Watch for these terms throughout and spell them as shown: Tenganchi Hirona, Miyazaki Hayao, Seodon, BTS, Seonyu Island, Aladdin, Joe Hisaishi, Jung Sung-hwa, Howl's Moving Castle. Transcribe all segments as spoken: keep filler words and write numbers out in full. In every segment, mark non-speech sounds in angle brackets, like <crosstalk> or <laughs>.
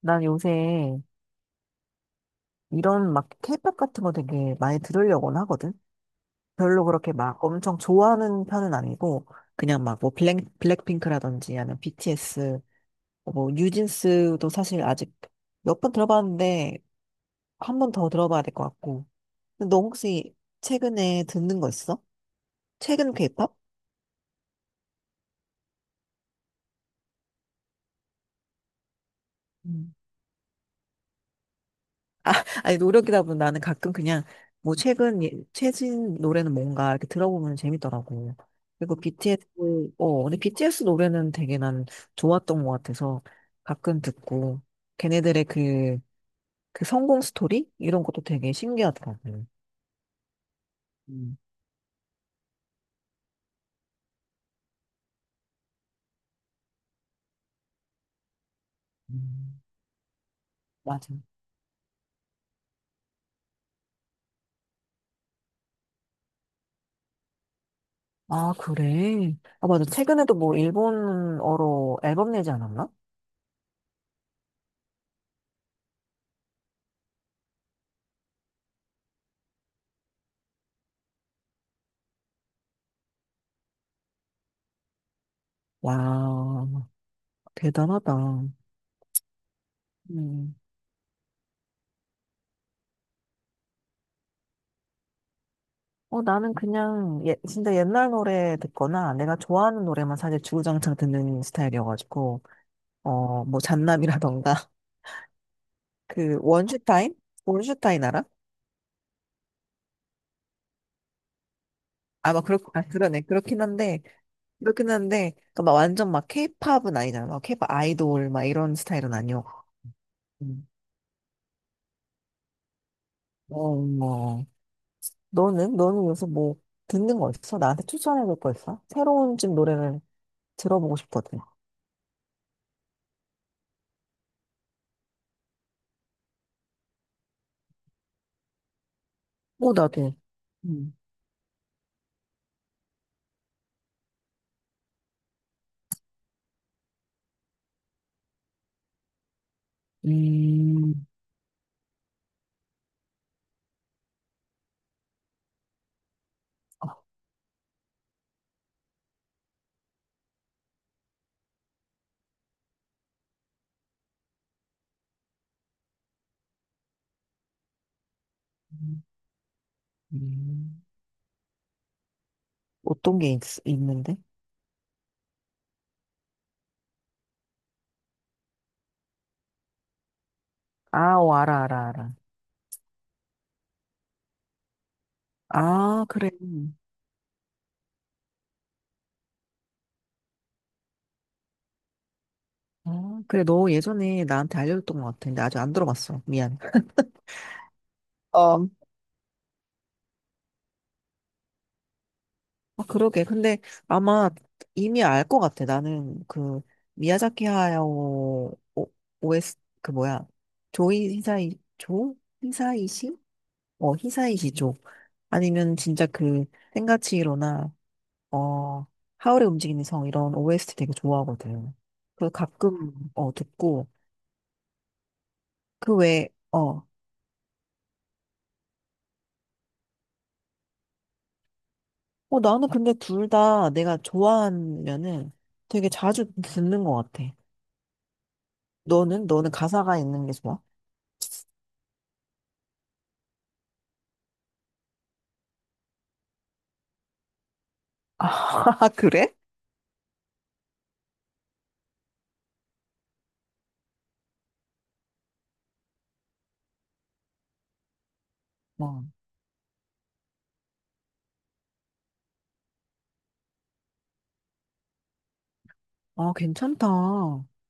난 요새 이런 막 케이팝 같은 거 되게 많이 들으려고는 하거든? 별로 그렇게 막 엄청 좋아하는 편은 아니고, 그냥 막 뭐 블랙, 블랙핑크라든지 아니면 비티에스, 뭐 뉴진스도 사실 아직 몇 번 들어봤는데, 한 번 더 들어봐야 될 것 같고. 근데 너 혹시 최근에 듣는 거 있어? 최근 케이팝? 아, 아니, 노력이다 보면 나는 가끔 그냥, 뭐, 최근, 예- 최신 노래는 뭔가 이렇게 들어보면 재밌더라고. 그리고 비티에스, 어, 근데 비티에스 노래는 되게 난 좋았던 것 같아서 가끔 듣고, 걔네들의 그, 그 성공 스토리? 이런 것도 되게 신기하더라고. 음, 음, 맞아. 아, 그래. 아, 맞아. 최근에도 뭐, 일본어로 앨범 내지 않았나? 와, 대단하다. 음. 어, 나는 그냥 예, 진짜 옛날 노래 듣거나 내가 좋아하는 노래만 사실 주구장창 듣는 스타일이어가지고 어, 뭐 잔남이라던가 <laughs> 그 원슈타인? 원슈타인 알아? 아마 그렇 아 그러네 그렇긴 한데 그렇긴 한데 그막 완전 막 케이팝은 아니잖아. 막 케이팝 아이돌 막 이런 스타일은 아니었고. 음. 어, 뭐 너는 너는 요새 뭐 듣는 거 있어? 나한테 추천해줄 거 있어? 새로운 집 노래를 들어보고 싶거든. 어 나도. 음. 음. 음, 어떤 게 있, 있는데? 아, 오, 알아, 알아, 알아. 아, 그래. 아, 그래. 너 예전에 나한테 알려줬던 것 같아. 근데 아직 안 들어봤어. 미안. 어. 아, 그러게. 근데 아마 이미 알 것 같아. 나는 그 미야자키 하야오 오- 에스 그 뭐야? 조이 히사이 조 히사이시? 어, 히사이시 조. 아니면 진짜 그 텐가치히로나 어, 하울의 움직이는 성 이런 오에스티 되게 좋아하거든. 그래서 가끔 어 듣고 그 외에 어, 어 나는 근데 둘 다 내가 좋아하면은 되게 자주 듣는 것 같아. 너는 너는 가사가 있는 게 좋아? 아, <laughs> 그래? 어. 아, 괜찮다.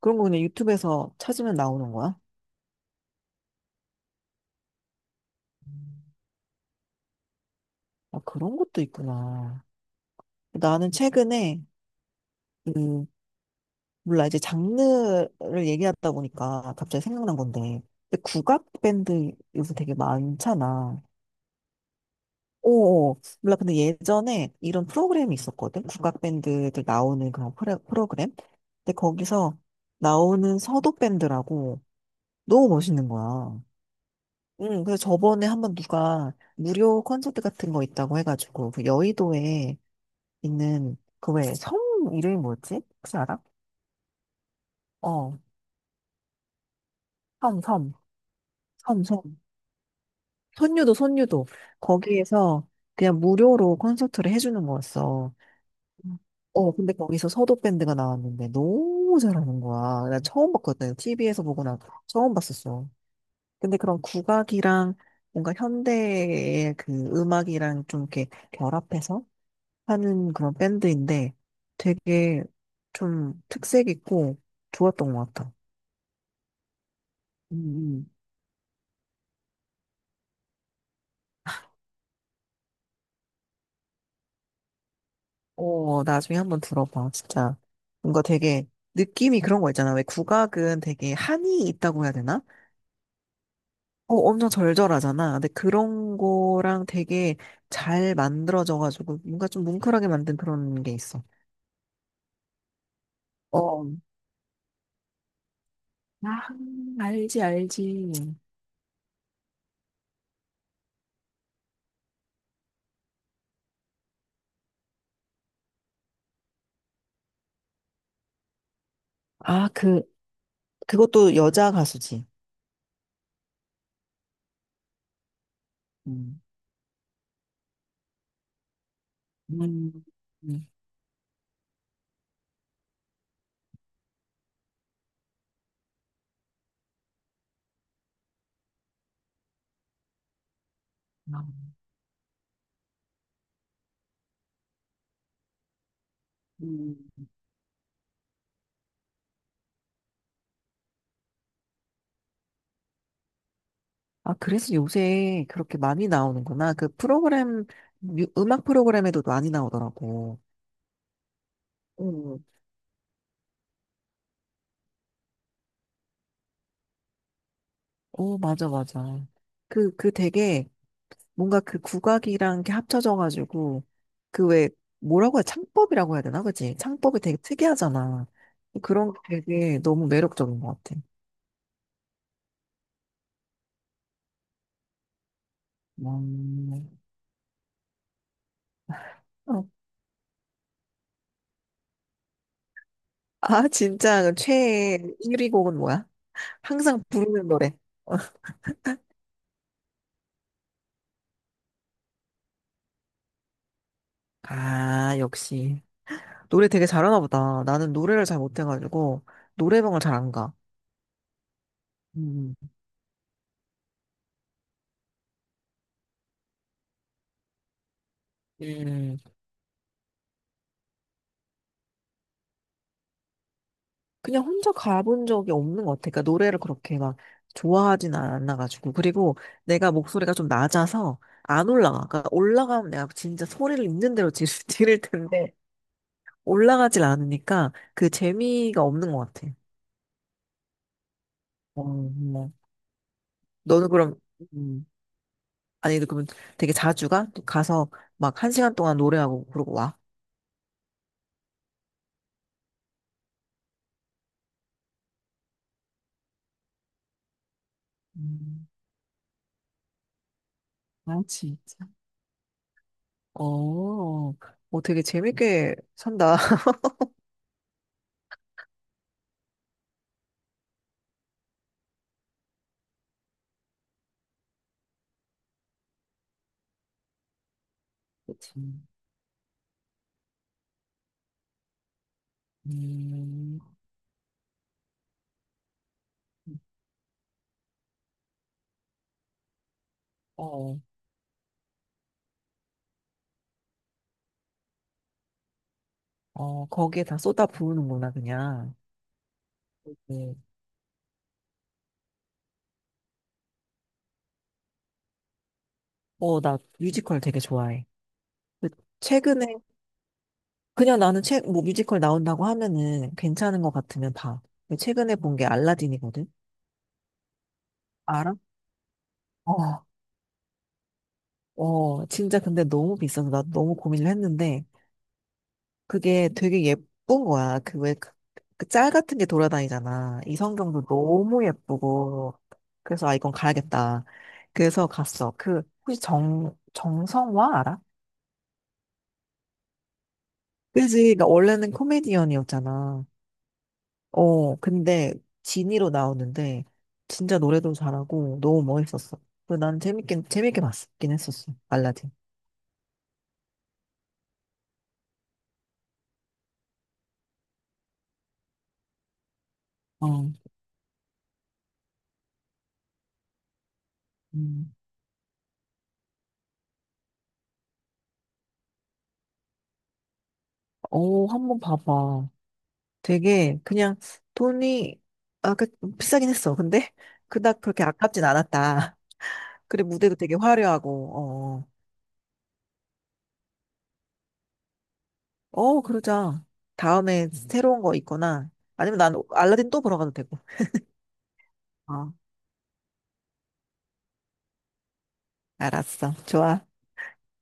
그런 거 그냥 유튜브에서 찾으면 나오는 거야? 아, 그런 것도 있구나. 나는 최근에 그 몰라, 이제 장르를 얘기하다 보니까 갑자기 생각난 건데. 근데 국악 밴드 요새 되게 많잖아. 오, 몰라. 근데 예전에 이런 프로그램이 있었거든. 국악 밴드들 나오는 그런 프레- 프로그램. 근데 거기서 나오는 서도 밴드라고 너무 멋있는 거야. 응, 그래서 저번에 한번 누가 무료 콘서트 같은 거 있다고 해가지고 그 여의도에 있는 그 왜 섬 이름이 뭐였지? 혹시 알아? 어, 섬, 섬, 섬, 섬. 선유도, 선유도. 거기에서 그냥 무료로 콘서트를 해주는 거였어. 어, 근데 거기서 서도 밴드가 나왔는데 너무 잘하는 거야. 나 처음 봤거든. 티비에서 보고 나 처음 봤었어. 근데 그런 국악이랑 뭔가 현대의 그 음악이랑 좀 이렇게 결합해서 하는 그런 밴드인데 되게 좀 특색 있고 좋았던 것 같아. 음, 음. 오, 나중에 한 번 들어봐, 진짜. 뭔가 되게, 느낌이 그런 거 있잖아. 왜 국악은 되게 한이 있다고 해야 되나? 어, 엄청 절절하잖아. 근데 그런 거랑 되게 잘 만들어져가지고, 뭔가 좀 뭉클하게 만든 그런 게 있어. 어, 아, 알지, 알지. 아, 그, 그것도 여자 가수지. 음, 음, 음. 아, 음. 아, 그래서 요새 그렇게 많이 나오는구나. 그 프로그램, 뮤- 음악 프로그램에도 많이 나오더라고. 음. 오, 맞아, 맞아. 그, 그 되게 뭔가 그 국악이랑 게 합쳐져가지고 그 왜 뭐라고 해야 창법이라고 해야 되나? 그치? 창법이 되게 특이하잖아. 그런 게 되게 너무 매력적인 것 같아. 음, 어. 아, 진짜 그 최애 일 위 곡은 뭐야? 항상 부르는 노래. <laughs> 아, 역시. 노래 되게 잘하나 보다. 나는 노래를 잘 못해가지고 노래방을 잘 안 가. 음, 음. 그냥 혼자 가본 적이 없는 것 같아. 그러니까 노래를 그렇게 막 좋아하진 않아가지고. 그리고 내가 목소리가 좀 낮아서 안 올라가. 그러니까 올라가면 내가 진짜 소리를 있는 대로 지- <laughs> 지를 텐데 올라가질 않으니까 그 재미가 없는 것 같아. 어, 뭐. 너는 그럼, 음, 아니, 그러면 되게 자주 가? 가서 막 한 시간 동안 노래하고 그러고 와? 음, 아, 진짜. 어, 어, 되게 재밌게 산다. <laughs> 그치. 음, 어. 어, 거기에 다 쏟아 부으는구나, 그냥. 네. 어, 나 뮤지컬 되게 좋아해. 그 최근에, 그냥 나는 책, 뭐 뮤지컬 나온다고 하면은 괜찮은 것 같으면 봐. 근데 최근에 본 게 알라딘이거든? 알아? 어, 어, 진짜 근데 너무 비싸서 나 너무 고민을 했는데 그게 되게 예쁜 거야. 그 왜, 그, 그짤 같은 게 돌아다니잖아. 이 성경도 너무 예쁘고. 그래서 아, 이건 가야겠다. 그래서 갔어. 그, 혹시 정, 정성화 알아? 그지? 그러니까 원래는 코미디언이었잖아. 어, 근데 진이로 나오는데 진짜 노래도 잘하고 너무 멋있었어. 그래서 난 재밌게 재밌게 봤긴 했었어. 알라딘. 어, 음. 어, 한번 봐봐. 되게 그냥 돈이 아, 그 비싸긴 했어. 근데 <laughs> 그닥 그렇게 아깝진 않았다. <laughs> 그래 무대도 되게 화려하고 어, 어, 어, 그러자. 다음에 새로운 거 있거나 아니면 난 알라딘 또 보러 가도 되고. 어, 알았어. 좋아.